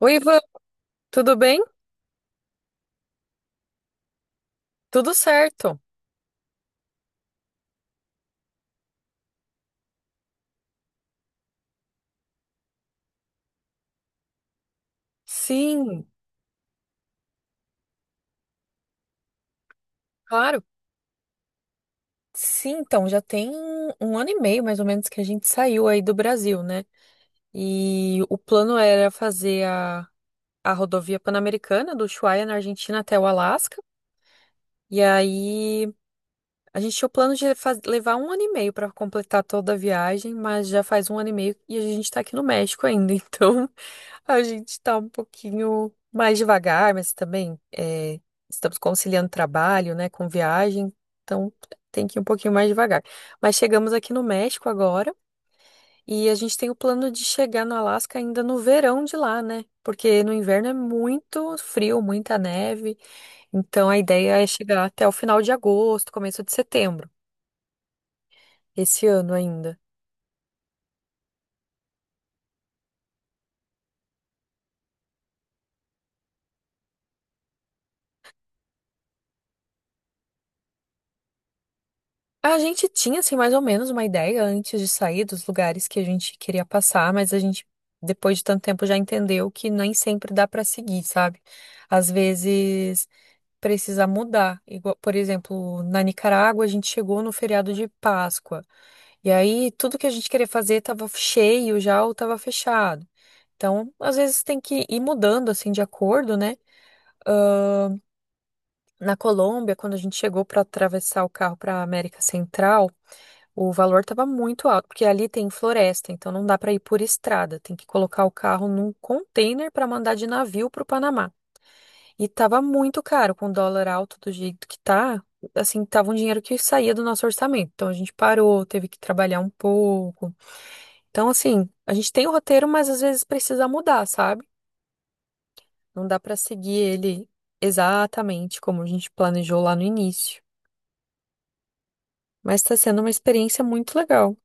Oi, Ivan, tudo bem? Tudo certo. Sim, claro. Sim, então já tem 1 ano e meio mais ou menos que a gente saiu aí do Brasil, né? E o plano era fazer a rodovia Pan-Americana do Ushuaia na Argentina até o Alasca. E aí a gente tinha o plano de levar 1 ano e meio para completar toda a viagem, mas já faz 1 ano e meio e a gente tá aqui no México ainda, então a gente tá um pouquinho mais devagar, mas também, é, estamos conciliando trabalho, né, com viagem, então tem que ir um pouquinho mais devagar. Mas chegamos aqui no México agora e a gente tem o plano de chegar no Alasca ainda no verão de lá, né? Porque no inverno é muito frio, muita neve, então a ideia é chegar até o final de agosto, começo de setembro, esse ano ainda. A gente tinha, assim, mais ou menos uma ideia antes de sair dos lugares que a gente queria passar, mas a gente, depois de tanto tempo, já entendeu que nem sempre dá pra seguir, sabe? Às vezes precisa mudar. Igual, por exemplo, na Nicarágua, a gente chegou no feriado de Páscoa, e aí tudo que a gente queria fazer estava cheio já ou estava fechado. Então, às vezes tem que ir mudando, assim, de acordo, né? Na Colômbia, quando a gente chegou para atravessar o carro para América Central, o valor estava muito alto, porque ali tem floresta, então não dá para ir por estrada, tem que colocar o carro num container para mandar de navio para o Panamá. E estava muito caro, com o dólar alto do jeito que tá, assim, tava um dinheiro que saía do nosso orçamento. Então a gente parou, teve que trabalhar um pouco. Então assim, a gente tem o roteiro, mas às vezes precisa mudar, sabe? Não dá para seguir ele exatamente como a gente planejou lá no início. Mas está sendo uma experiência muito legal.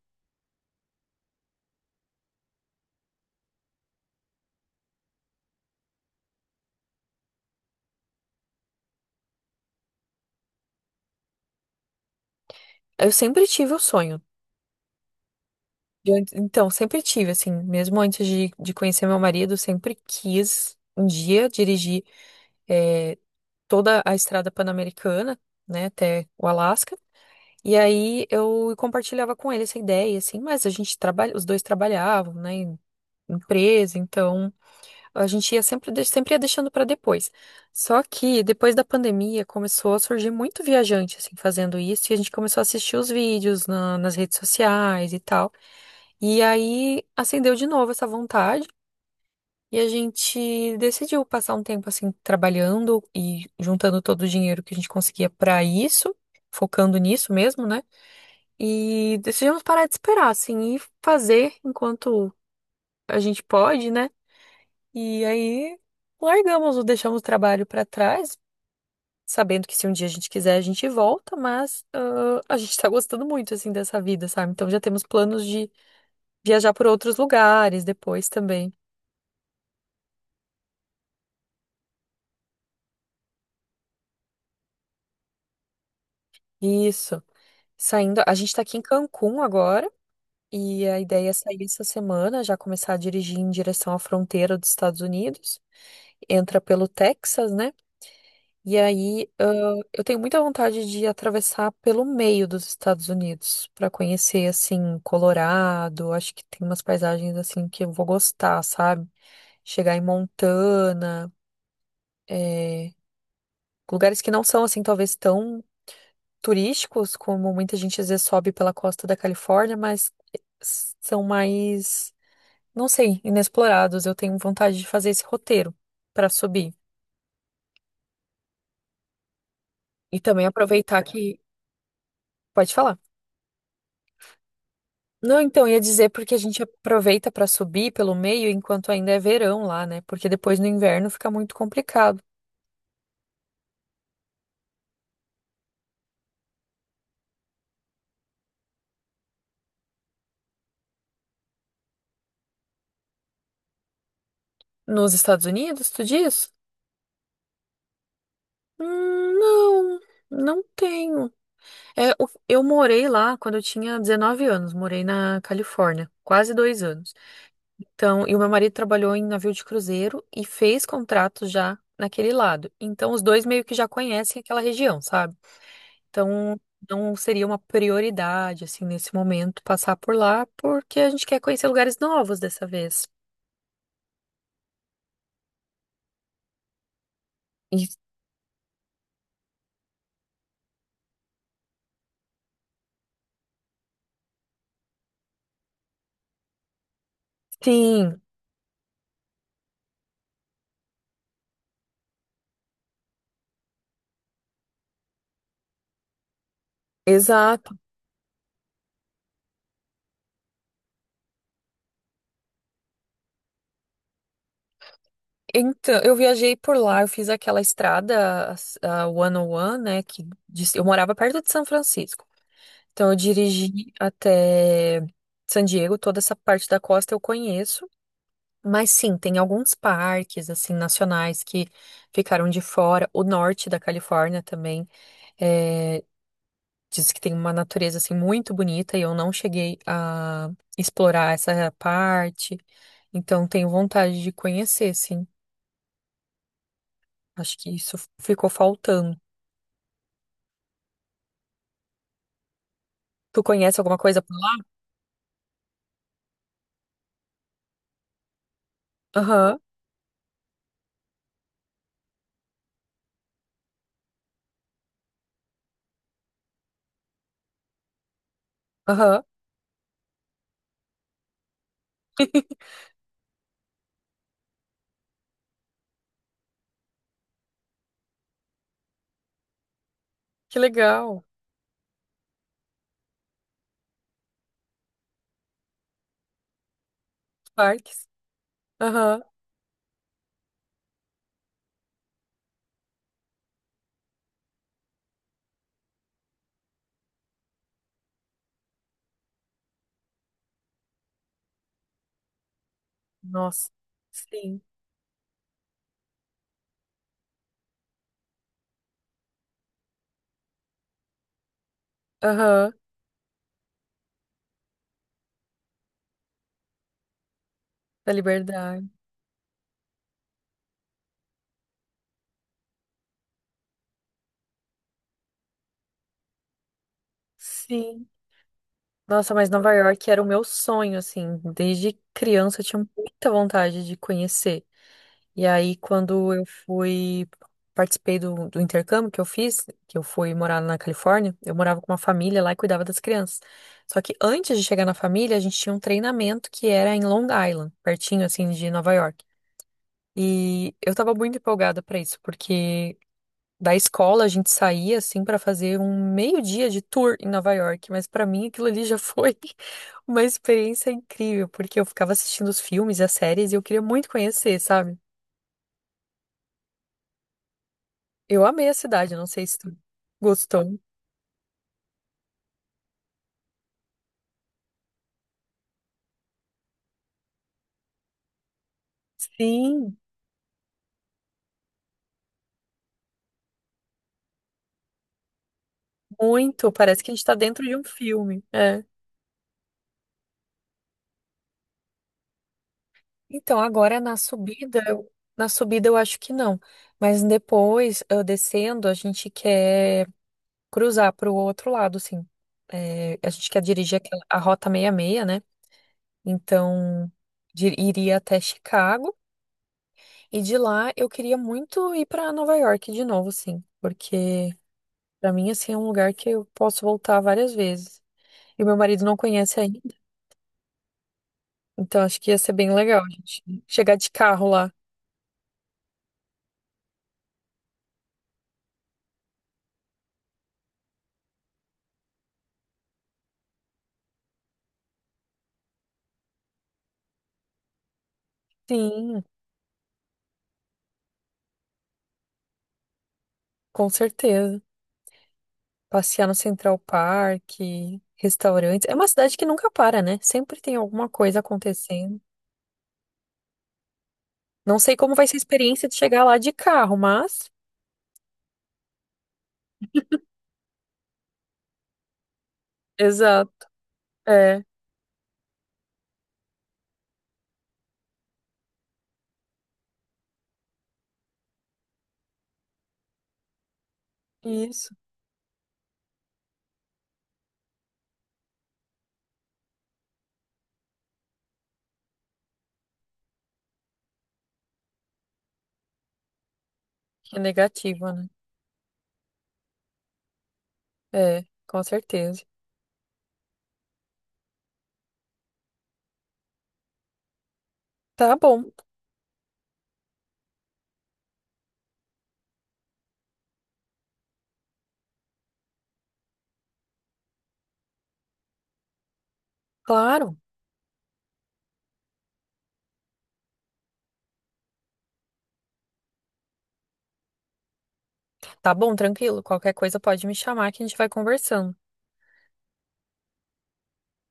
Eu sempre tive o sonho, então, sempre tive, assim, mesmo antes de conhecer meu marido, sempre quis um dia dirigir eh, toda a estrada pan-americana, né, até o Alasca. E aí eu compartilhava com ele essa ideia, assim, mas a gente trabalha, os dois trabalhavam, né, em empresa, então a gente ia sempre, sempre ia deixando para depois. Só que depois da pandemia começou a surgir muito viajante, assim, fazendo isso, e a gente começou a assistir os vídeos nas redes sociais e tal. E aí acendeu de novo essa vontade e a gente decidiu passar um tempo assim trabalhando e juntando todo o dinheiro que a gente conseguia pra isso, focando nisso mesmo, né? E decidimos parar de esperar assim e fazer enquanto a gente pode, né? E aí largamos, ou deixamos o trabalho pra trás, sabendo que se um dia a gente quiser a gente volta, mas a gente tá gostando muito assim dessa vida, sabe? Então já temos planos de viajar por outros lugares depois também. Isso. Saindo, a gente tá aqui em Cancún agora e a ideia é sair essa semana, já começar a dirigir em direção à fronteira dos Estados Unidos. Entra pelo Texas, né? E aí, eu tenho muita vontade de atravessar pelo meio dos Estados Unidos para conhecer assim Colorado. Acho que tem umas paisagens assim que eu vou gostar, sabe? Chegar em Montana, é, lugares que não são assim talvez tão turísticos, como muita gente às vezes sobe pela costa da Califórnia, mas são mais, não sei, inexplorados. Eu tenho vontade de fazer esse roteiro para subir. E também aproveitar que. Pode falar. Não, então, ia dizer porque a gente aproveita para subir pelo meio enquanto ainda é verão lá, né? Porque depois no inverno fica muito complicado. Nos Estados Unidos, tu diz? Não, não tenho. É, eu morei lá quando eu tinha 19 anos, morei na Califórnia, quase 2 anos. Então, e o meu marido trabalhou em navio de cruzeiro e fez contrato já naquele lado. Então, os dois meio que já conhecem aquela região, sabe? Então, não seria uma prioridade, assim, nesse momento, passar por lá, porque a gente quer conhecer lugares novos dessa vez. E sim, exato. Então, eu viajei por lá, eu fiz aquela estrada, a 101, né? Eu morava perto de São Francisco. Então, eu dirigi até San Diego, toda essa parte da costa eu conheço. Mas sim, tem alguns parques, assim, nacionais que ficaram de fora. O norte da Califórnia também é, diz que tem uma natureza, assim, muito bonita e eu não cheguei a explorar essa parte. Então, tenho vontade de conhecer, sim. Acho que isso ficou faltando. Tu conhece alguma coisa por lá? Aham, aham. Que legal. Parques. Aham. Nossa. Sim. Aham. Da Liberdade. Sim. Nossa, mas Nova York era o meu sonho, assim. Desde criança eu tinha muita vontade de conhecer. E aí, quando eu fui, participei do intercâmbio que eu fiz, que eu fui morar na Califórnia, eu morava com uma família lá e cuidava das crianças. Só que antes de chegar na família, a gente tinha um treinamento que era em Long Island, pertinho, assim, de Nova York. E eu tava muito empolgada pra isso, porque da escola a gente saía assim para fazer um meio-dia de tour em Nova York, mas para mim aquilo ali já foi uma experiência incrível, porque eu ficava assistindo os filmes e as séries e eu queria muito conhecer, sabe? Eu amei a cidade, não sei se tu gostou. Sim, muito, parece que a gente tá dentro de um filme. É. Então, agora na subida, na subida eu acho que não, mas depois, eu descendo, a gente quer cruzar para o outro lado, assim. É, a gente quer dirigir aquela, a Rota 66, né? Então, iria até Chicago e de lá eu queria muito ir para Nova York de novo, assim, porque para mim assim é um lugar que eu posso voltar várias vezes. E meu marido não conhece ainda, então acho que ia ser bem legal a gente chegar de carro lá. Sim, com certeza. Passear no Central Park, restaurantes. É uma cidade que nunca para, né? Sempre tem alguma coisa acontecendo. Não sei como vai ser a experiência de chegar lá de carro, mas. Exato. É, isso. É negativa, né? É, com certeza. Tá bom, claro. Tá bom, tranquilo. Qualquer coisa pode me chamar que a gente vai conversando.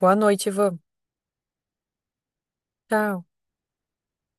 Boa noite, Ivan. Tchau.